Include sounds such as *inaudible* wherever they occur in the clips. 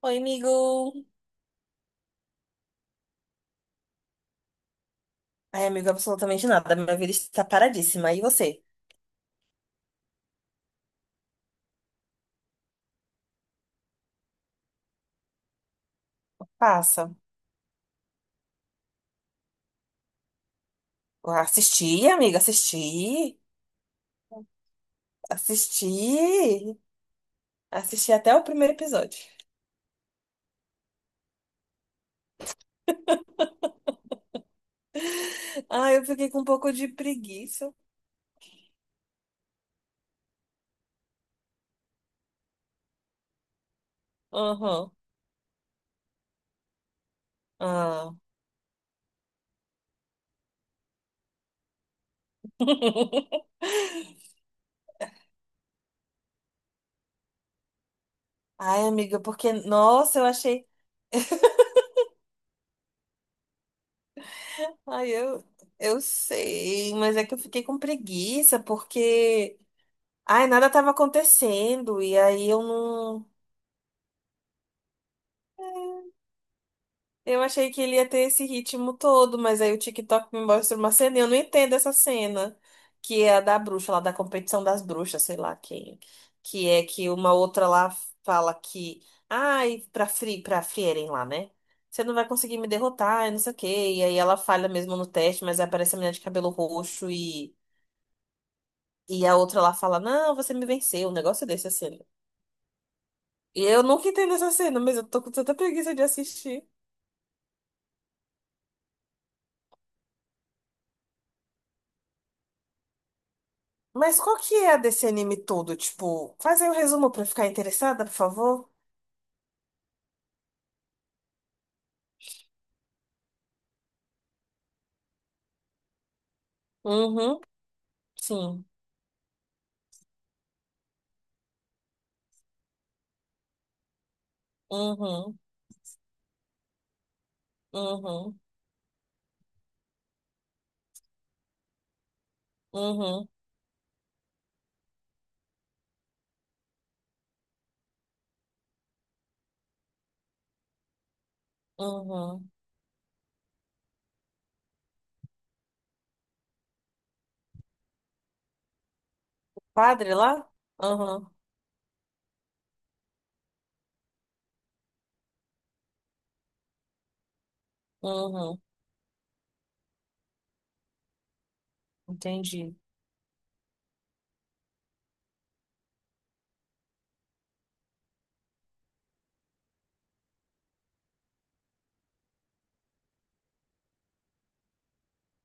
Oi, amigo. Ai, amigo, absolutamente nada. Minha vida está paradíssima. E você? Passa. Assisti, amiga, assisti. Assisti. Assisti até o primeiro episódio. *laughs* Ai, eu fiquei com um pouco de preguiça. Aham. Ah. Ai, amiga, porque, nossa, eu achei. Ai, eu sei, mas é que eu fiquei com preguiça porque. Ai, nada estava acontecendo. E aí eu não. Eu achei que ele ia ter esse ritmo todo, mas aí o TikTok me mostra uma cena e eu não entendo essa cena, que é a da bruxa, lá da competição das bruxas, sei lá quem, que é que uma outra lá fala que, ai, pra Frieren lá, né? Você não vai conseguir me derrotar, e não sei o quê. E aí ela falha mesmo no teste, mas aí aparece a menina de cabelo roxo e a outra lá fala, não, você me venceu, um negócio desse, a cena. E eu nunca entendo essa cena, mas eu tô com tanta preguiça de assistir. Mas qual que é a desse anime todo? Tipo, faz aí um resumo pra eu ficar interessada, por favor. Uhum, sim. Uhum, uhum, uhum, uhum. Padre lá? Uhum, uhum. Entendi.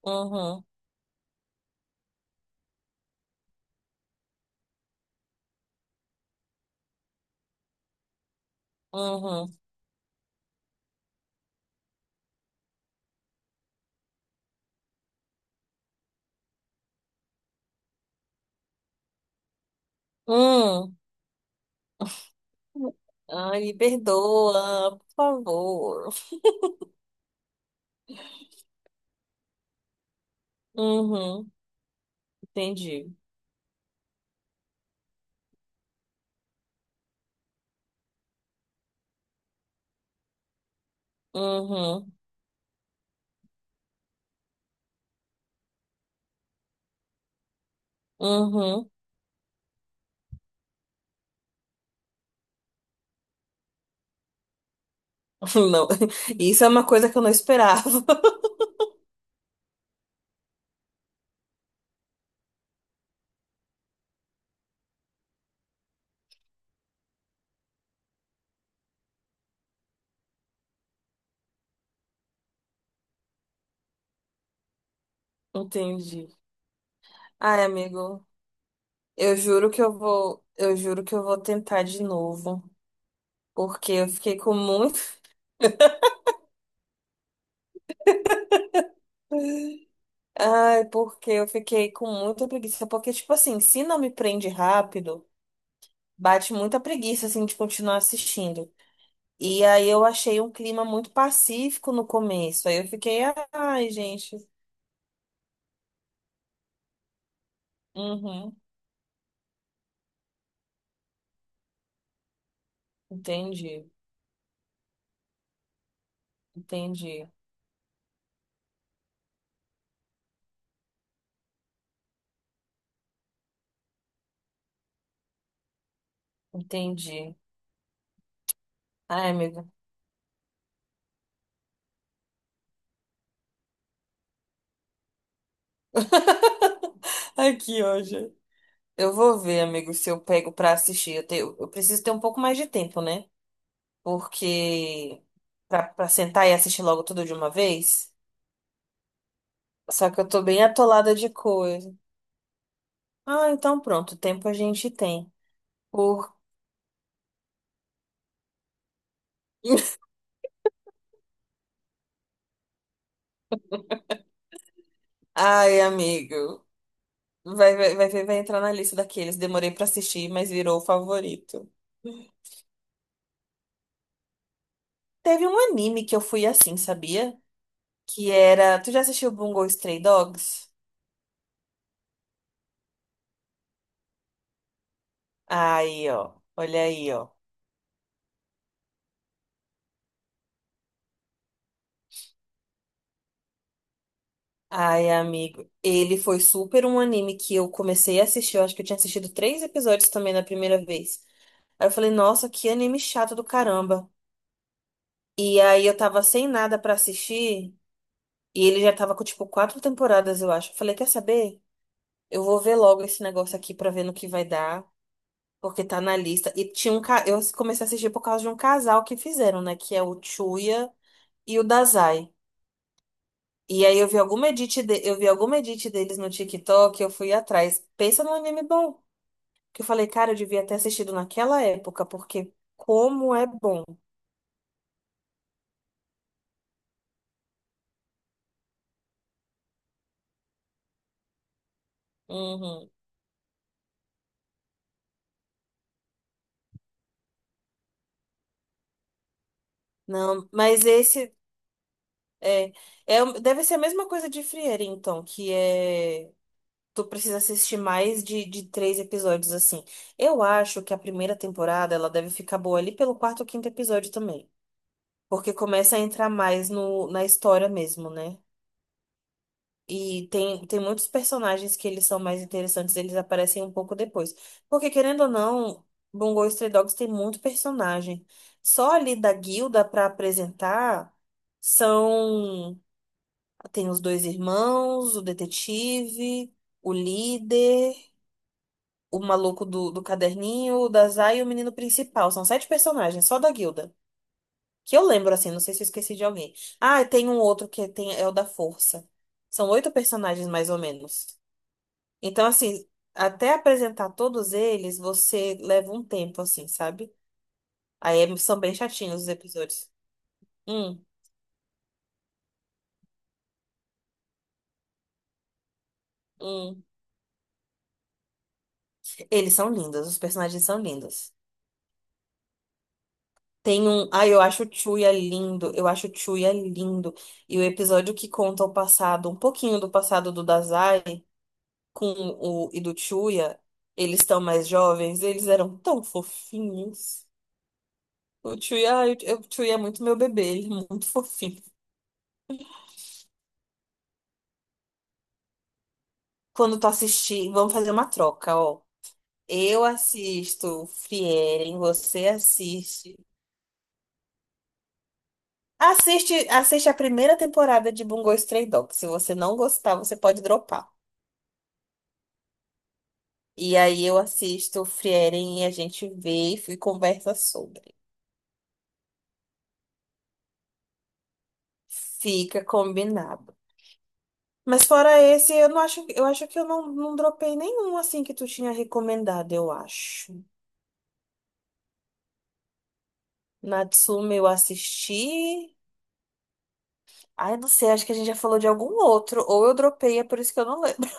Uhum, uhum. Hum. Ai, me perdoa, por favor. Uhum, entendi. Uhum, uhum. *laughs* Não, isso é uma coisa que eu não esperava. *laughs* Entendi. Ai, amigo. Eu juro que eu vou tentar de novo, porque eu fiquei com muito. *laughs* Ai, porque eu fiquei com muita preguiça, porque tipo assim, se não me prende rápido, bate muita preguiça assim de continuar assistindo. E aí eu achei um clima muito pacífico no começo. Aí eu fiquei, ai, gente, uhum, entendi, entendi, entendi. Ai, amigo. *laughs* Aqui, hoje. Eu vou ver, amigo, se eu pego pra assistir. Eu preciso ter um pouco mais de tempo, né? Porque pra sentar e assistir logo tudo de uma vez. Só que eu tô bem atolada de coisa. Ah, então pronto, tempo a gente tem. Por... *laughs* Ai, amigo, vai entrar na lista daqueles. Demorei pra assistir, mas virou o favorito. Teve um anime que eu fui assim, sabia? Que era. Tu já assistiu Bungo Stray Dogs? Aí, ó. Olha aí, ó. Ai, amigo, ele foi super um anime que eu comecei a assistir. Eu acho que eu tinha assistido três episódios também na primeira vez. Aí eu falei, nossa, que anime chato do caramba. E aí eu tava sem nada pra assistir e ele já tava com tipo quatro temporadas, eu acho. Eu falei, quer saber? Eu vou ver logo esse negócio aqui pra ver no que vai dar, porque tá na lista. E tinha um, eu comecei a assistir por causa de um casal que fizeram, né? Que é o Chuya e o Dazai. E aí eu vi alguma edit, eu vi alguma edit deles no TikTok, eu fui atrás. Pensa num anime bom. Que eu falei, cara, eu devia ter assistido naquela época, porque como é bom. Uhum. Não, mas esse é, deve ser a mesma coisa de Frieren, então, que é tu precisa assistir mais de três episódios assim. Eu acho que a primeira temporada ela deve ficar boa ali pelo quarto ou quinto episódio também, porque começa a entrar mais no, na história mesmo, né? E tem muitos personagens que eles são mais interessantes, eles aparecem um pouco depois. Porque, querendo ou não, Bungo Stray Dogs tem muito personagem. Só ali da guilda pra apresentar são... Tem os dois irmãos, o detetive, o líder, o maluco do caderninho, o Dazai e o menino principal. São sete personagens, só da guilda. Que eu lembro, assim, não sei se eu esqueci de alguém. Ah, e tem um outro que é, tem, é o da força. São oito personagens, mais ou menos. Então, assim, até apresentar todos eles, você leva um tempo, assim, sabe? São bem chatinhos os episódios. Hum, hum. Eles são lindos, os personagens são lindos. Tem um. Ai, eu acho o Chuya lindo, eu acho o Chuya lindo. E o episódio que conta o passado, um pouquinho do passado do Dazai com o do Chuya, eles estão mais jovens, eles eram tão fofinhos. O Chuya, ai, o Chuya é muito meu bebê, ele é muito fofinho quando tu assistir, vamos fazer uma troca, ó. Eu assisto Frieren, você assiste. Assiste, assiste a primeira temporada de Bungo Stray Dogs. Se você não gostar, você pode dropar. E aí eu assisto Frieren e a gente vê e conversa sobre. Fica combinado. Mas fora esse, eu não acho, eu acho que eu não, não dropei nenhum assim que tu tinha recomendado, eu acho. Natsume eu assisti. Ai, não sei, acho que a gente já falou de algum outro, ou eu dropei, é por isso que eu não lembro.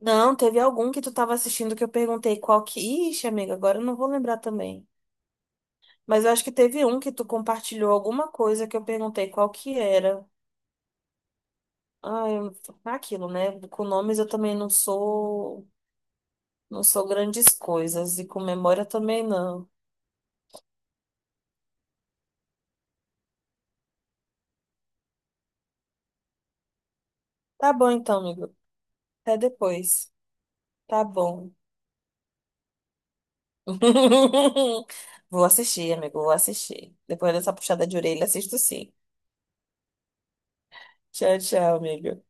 Não, teve algum que tu tava assistindo que eu perguntei qual que. Ixi, amiga, agora eu não vou lembrar também. Mas eu acho que teve um que tu compartilhou alguma coisa que eu perguntei qual que era. Ah, eu... é aquilo, né? Com nomes eu também não sou. Não sou grandes coisas. E com memória também não. Tá bom então, amigo. Até depois. Tá bom. *laughs* Vou assistir, amigo, vou assistir. Depois dessa puxada de orelha, assisto sim. Tchau, tchau, amigo.